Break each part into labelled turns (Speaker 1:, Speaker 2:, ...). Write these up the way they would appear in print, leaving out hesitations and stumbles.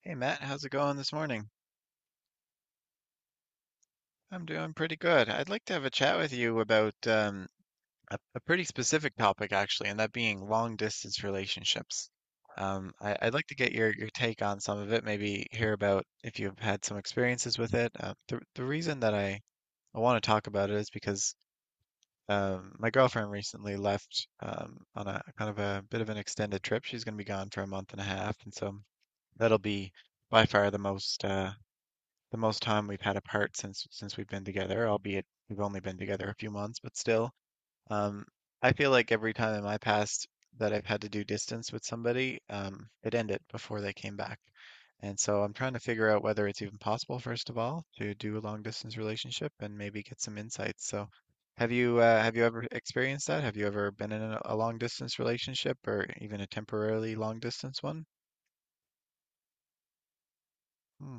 Speaker 1: Hey Matt, how's it going this morning? I'm doing pretty good. I'd like to have a chat with you about a pretty specific topic actually, and that being long distance relationships. I'd like to get your take on some of it, maybe hear about if you've had some experiences with it. The reason that I want to talk about it is because my girlfriend recently left on a kind of a bit of an extended trip. She's going to be gone for a month and a half, and so that'll be by far the most time we've had apart since we've been together, albeit we've only been together a few months, but still. Um, I feel like every time in my past that I've had to do distance with somebody, it ended before they came back. And so I'm trying to figure out whether it's even possible, first of all, to do a long distance relationship and maybe get some insights. So have you ever experienced that? Have you ever been in a long distance relationship or even a temporarily long distance one? Hmm.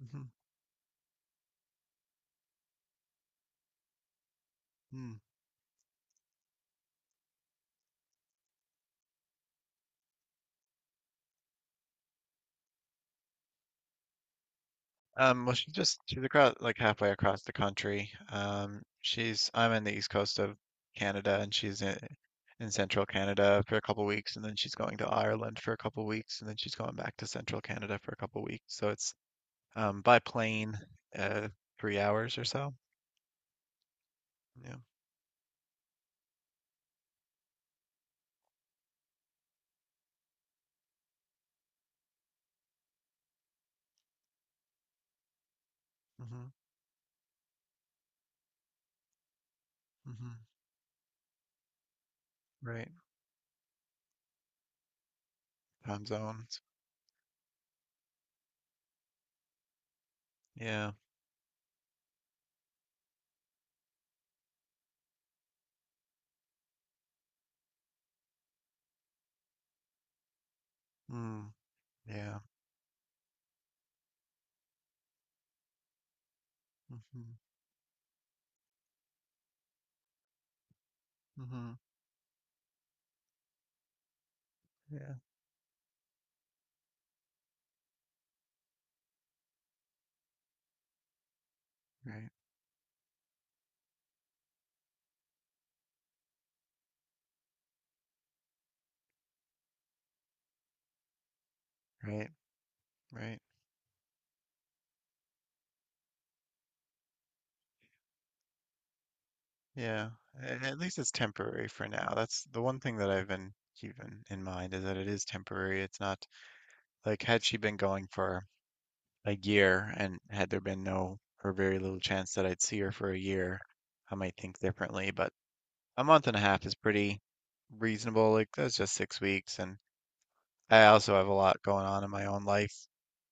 Speaker 1: Hmm, hmm. Well, she's across like halfway across the country. She's I'm in the east coast of Canada, and she's in central Canada for a couple weeks, and then she's going to Ireland for a couple weeks, and then she's going back to central Canada for a couple weeks. So it's by plane, uh, 3 hours or so. Yeah. Hmm, hmm. Right. Time zones. Yeah. Mm, yeah. Hmm, hmm. Yeah. Right. Right. Right. Yeah, at least it's temporary for now. That's the one thing that I've been keeping in mind is that it is temporary. It's not like had she been going for a year and had there been no or very little chance that I'd see her for a year, I might think differently. But a month and a half is pretty reasonable. Like that's just 6 weeks, and I also have a lot going on in my own life.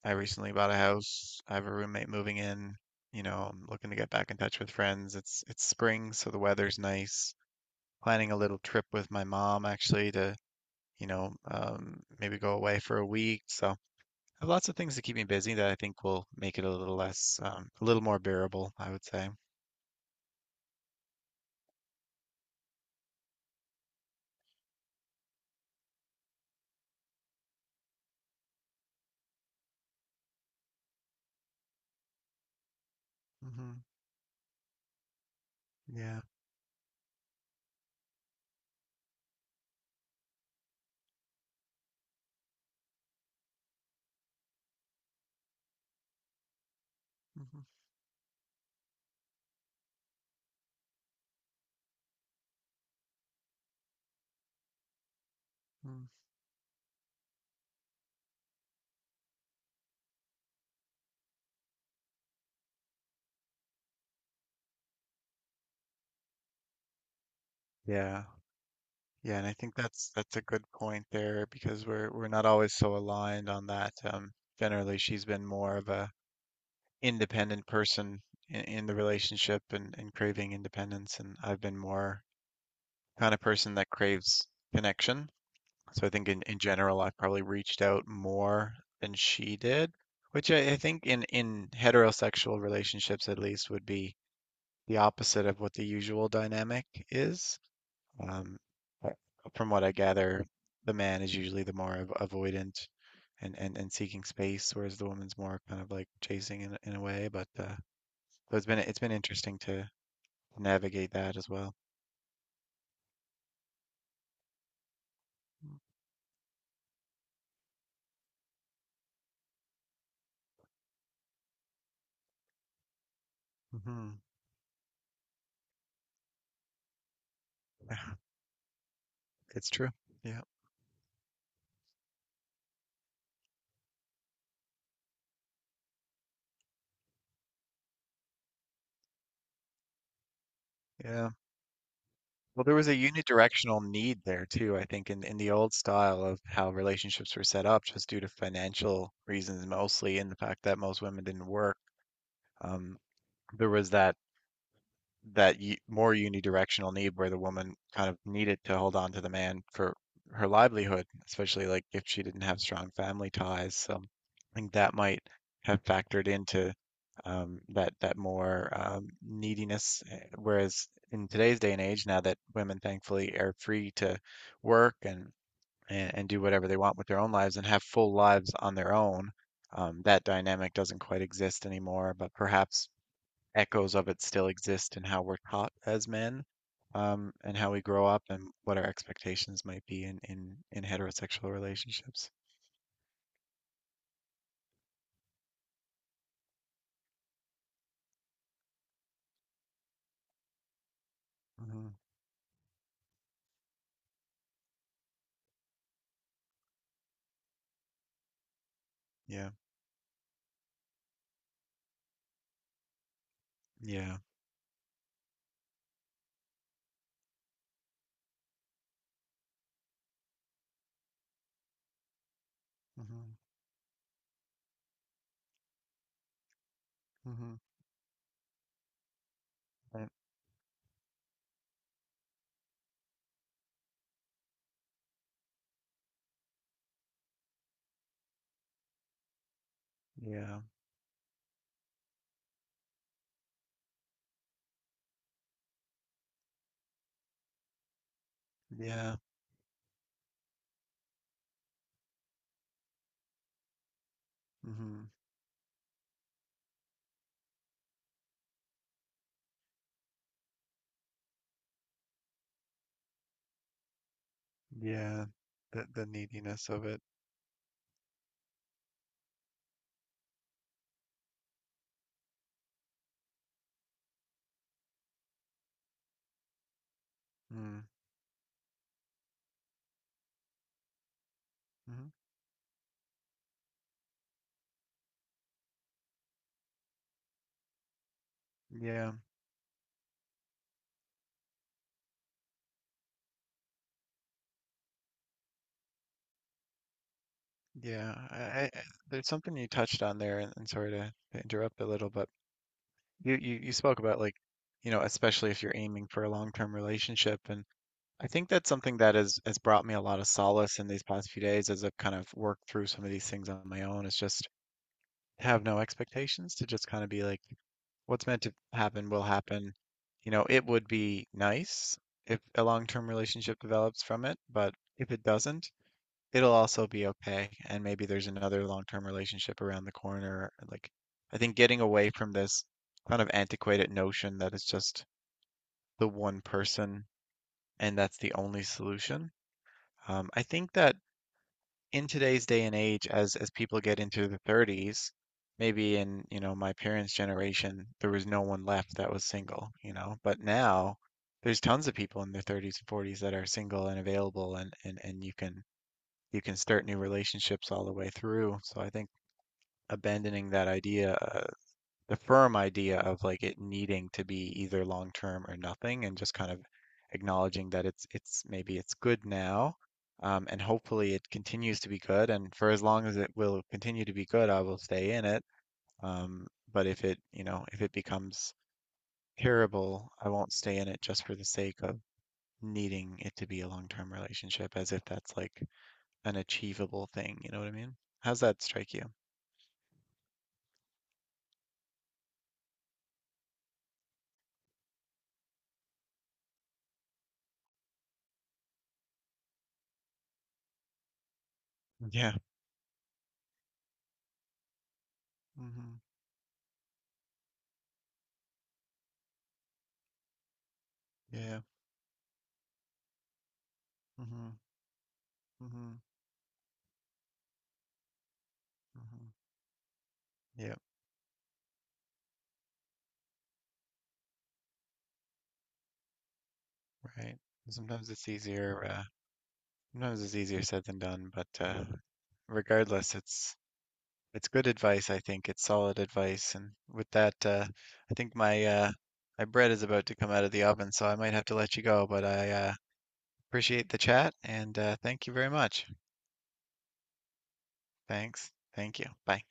Speaker 1: I recently bought a house. I have a roommate moving in. You know, I'm looking to get back in touch with friends. It's spring, so the weather's nice planning a little trip with my mom actually to, maybe go away for a week. So I have lots of things to keep me busy that I think will make it a little more bearable, I would say. Hmm. Yeah. Hmm. Yeah. Yeah, and I think that's a good point there because we're not always so aligned on that. Generally, she's been more of a independent person in the relationship and, craving independence, and I've been more kind of person that craves connection. So I think in general, I probably reached out more than she did, which I think in heterosexual relationships at least would be the opposite of what the usual dynamic is. Um, I- from what I gather, the man is usually the more avoidant and seeking space, whereas the woman's more kind of like chasing in a way. But so it's been interesting to navigate that as well. Hmm. It's true. Yeah. Yeah. Well, there was a unidirectional need there too, I think, in the old style of how relationships were set up, just due to financial reasons mostly, and the fact that most women didn't work. Um, there was that that y more unidirectional need where the woman kind of needed to hold on to the man for her livelihood, especially like if she didn't have strong family ties. So I think that might have factored into that more neediness. Whereas in today's day and age, now that women thankfully are free to work and do whatever they want with their own lives and have full lives on their own, that dynamic doesn't quite exist anymore. But perhaps echoes of it still exist in how we're taught as men, and how we grow up and what our expectations might be in heterosexual relationships. Hmm. Yeah, yeah. Hmm, hmm. Right. Yeah, yeah. Hmm. Yeah, the neediness of it. Mm. Hmm. Yeah, yeah. There's something you touched on there, and sorry to interrupt a little, but you spoke about like, you know, especially if you're aiming for a long-term relationship, and I think that's something that has brought me a lot of solace in these past few days as I've kind of worked through some of these things on my own. It's just have no expectations to just kind of be like, what's meant to happen will happen. You know, it would be nice if a long-term relationship develops from it, but if it doesn't, it'll also be okay. And maybe there's another long-term relationship around the corner. Like, I think getting away from this kind of antiquated notion that it's just the one person and that's the only solution. I think that in today's day and age, as people get into their 30s, maybe in, you know, my parents' generation, there was no one left that was single, you know, but now there's tons of people in their 30s and 40s that are single and available and you can start new relationships all the way through. So I think abandoning that idea the firm idea of like it needing to be either long term or nothing and just kind of acknowledging that it's maybe it's good now, and hopefully it continues to be good and for as long as it will continue to be good I will stay in it, um, but if it becomes terrible I won't stay in it just for the sake of needing it to be a long term relationship as if that's like an achievable thing. You know what I mean? How's that strike you? Yeah. Hmm. Yeah. Hmm, hmm, hmm. Yeah. Right. Sometimes it's easier, uh, Sometimes it's easier said than done, but regardless, it's good advice, I think. It's solid advice. And with that, I think my bread is about to come out of the oven, so I might have to let you go, but I appreciate the chat and thank you very much. Thanks. Thank you. Bye.